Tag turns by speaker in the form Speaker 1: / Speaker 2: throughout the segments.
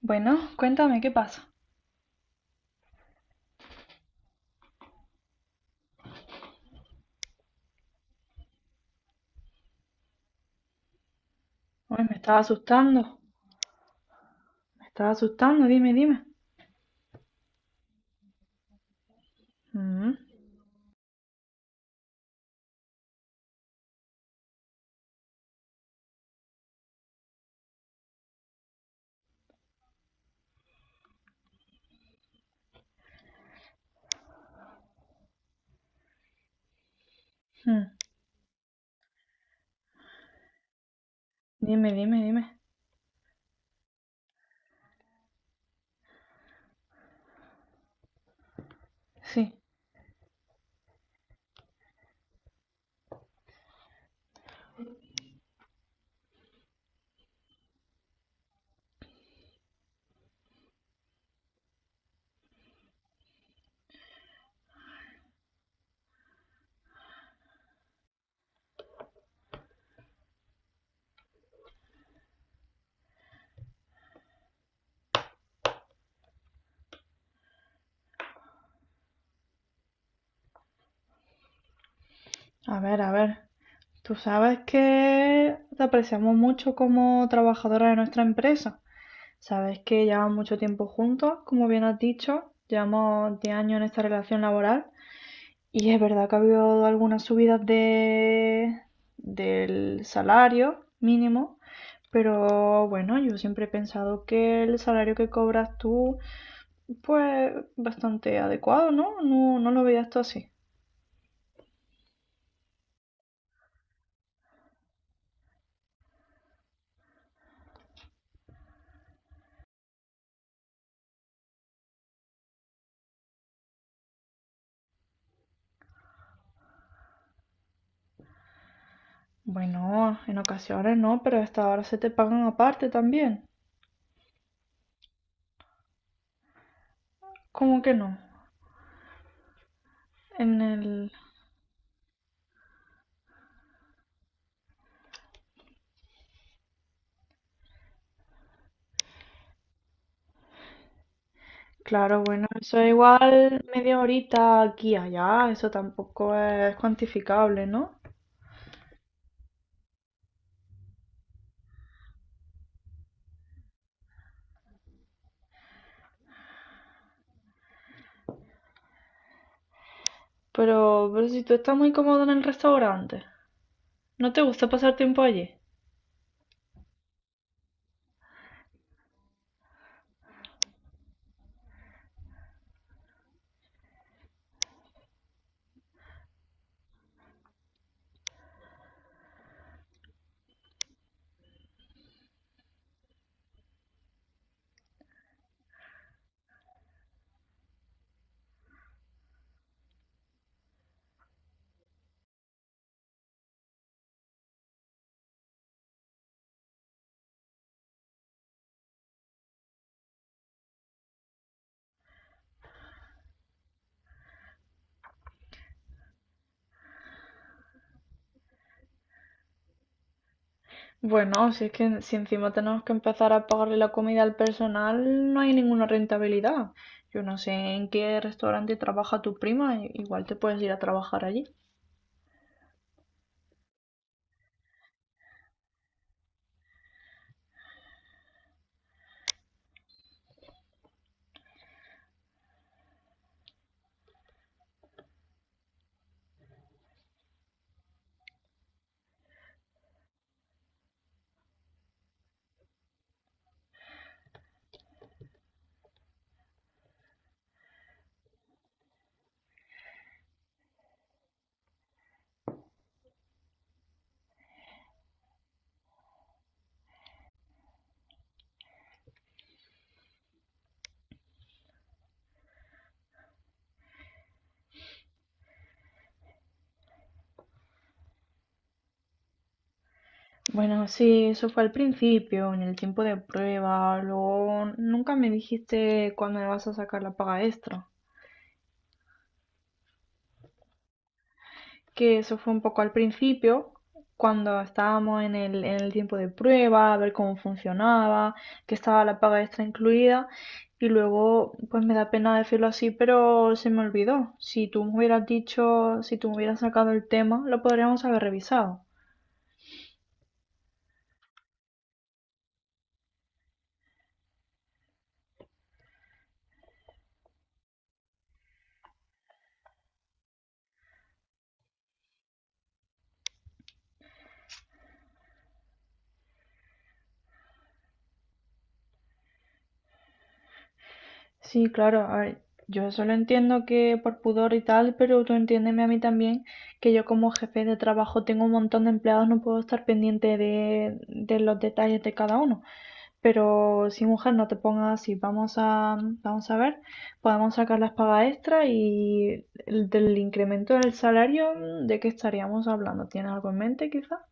Speaker 1: Bueno, cuéntame qué pasa. Uy, me estaba asustando, dime, dime. Mm, mm. Dime, dime, dime. Sí, a ver, a ver. Tú sabes que te apreciamos mucho como trabajadora de nuestra empresa. Sabes que llevamos mucho tiempo juntos, como bien has dicho, llevamos 10 años en esta relación laboral. Y es verdad que ha habido algunas subidas del salario mínimo, pero bueno, yo siempre he pensado que el salario que cobras tú, pues bastante adecuado, ¿no? No, no lo veías tú así. Bueno, en ocasiones no, pero hasta ahora se te pagan aparte también. ¿Cómo que no? En el... Claro, bueno, eso es igual media horita aquí y allá, eso tampoco es cuantificable, ¿no? Pero si tú estás muy cómodo en el restaurante, ¿no te gusta pasar tiempo allí? Bueno, si es que si encima tenemos que empezar a pagarle la comida al personal, no hay ninguna rentabilidad. Yo no sé en qué restaurante trabaja tu prima, igual te puedes ir a trabajar allí. Bueno, sí, eso fue al principio, en el tiempo de prueba, luego nunca me dijiste cuándo me vas a sacar la paga extra. Que eso fue un poco al principio, cuando estábamos en el tiempo de prueba, a ver cómo funcionaba, que estaba la paga extra incluida. Y luego, pues me da pena decirlo así, pero se me olvidó. Si tú me hubieras dicho, si tú me hubieras sacado el tema, lo podríamos haber revisado. Sí, claro, a ver, yo solo entiendo que por pudor y tal, pero tú entiéndeme a mí también, que yo como jefe de trabajo tengo un montón de empleados, no puedo estar pendiente de los detalles de cada uno. Pero sí, mujer, no te pongas así, vamos a, vamos a ver, podemos sacar las pagas extra y el, del incremento del salario, mm, ¿de qué estaríamos hablando? ¿Tienes algo en mente quizá?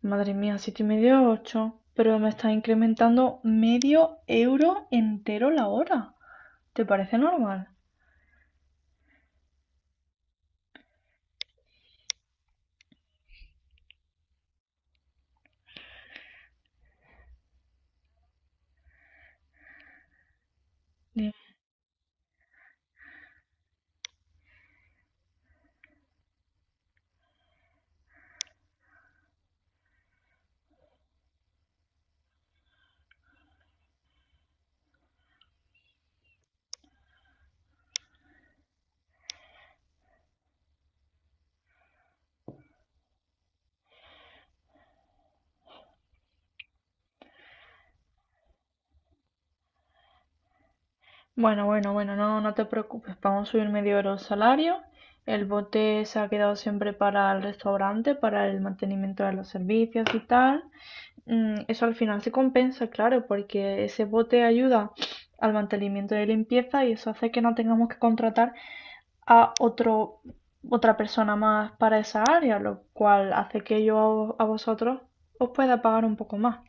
Speaker 1: Madre mía, siete y medio, ocho, pero me está incrementando medio euro entero la hora. ¿Te parece normal? Dije. Bueno, bueno, bueno, no, no te preocupes, vamos a subir medio euro el salario. El bote se ha quedado siempre para el restaurante, para el mantenimiento de los servicios y tal. Mm. Eso al final se compensa, claro, porque ese bote ayuda al mantenimiento de limpieza y eso hace que no tengamos que contratar a otro, otra persona más para esa área, lo cual hace que yo a vosotros os pueda pagar un poco más.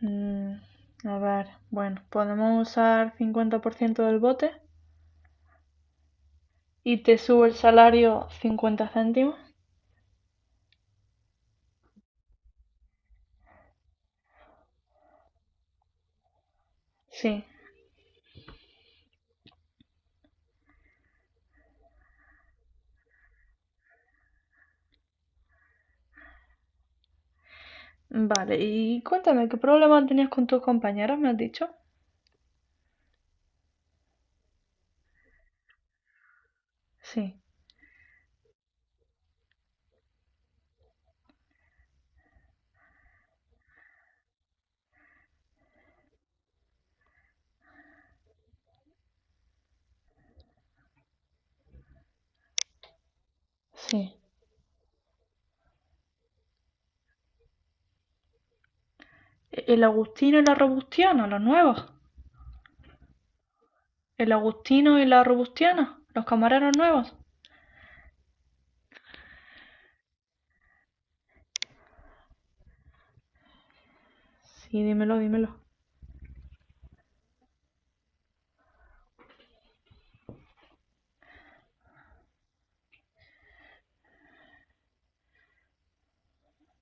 Speaker 1: Mm, a ver, bueno, podemos usar 50% del bote y te subo el salario 50 céntimos. Sí, vale. Y cuéntame, ¿qué problema tenías con tus compañeras, me has dicho? Sí, sí. ¿El Agustino y la Robustiana, los nuevos? ¿El Agustino y la Robustiana, los camareros nuevos? Sí, dímelo, dímelo.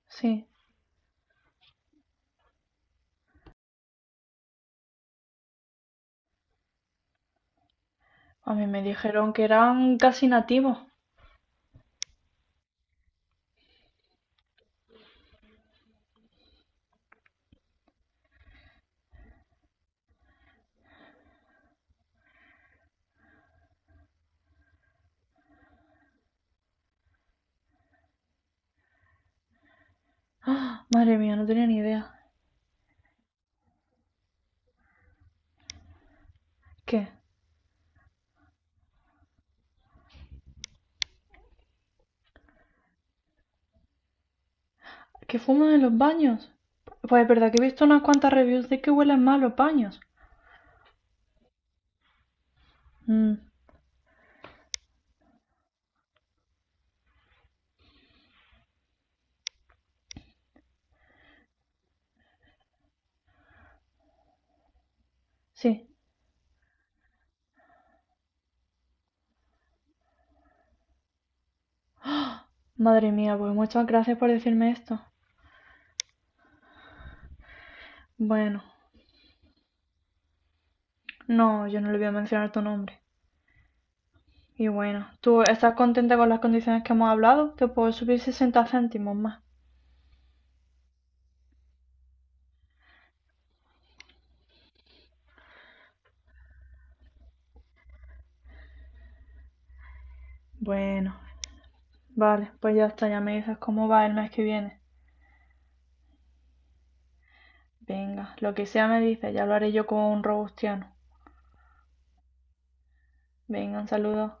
Speaker 1: Sí, a mí me dijeron que eran casi nativos. ¡Ah! Madre mía, no tenía ni idea. ¿Qué? ¿Que fuman en los baños? Pues es verdad que he visto unas cuantas reviews de que huelen mal los baños. Mm, sí. Madre mía, pues muchas gracias por decirme esto. Bueno, no, yo no le voy a mencionar tu nombre. Y bueno, ¿tú estás contenta con las condiciones que hemos hablado? Te puedo subir 60 céntimos más. Bueno, vale, pues ya está, ya me dices cómo va el mes que viene. Venga, lo que sea me dices, ya lo haré yo como un robustiano. Venga, un saludo.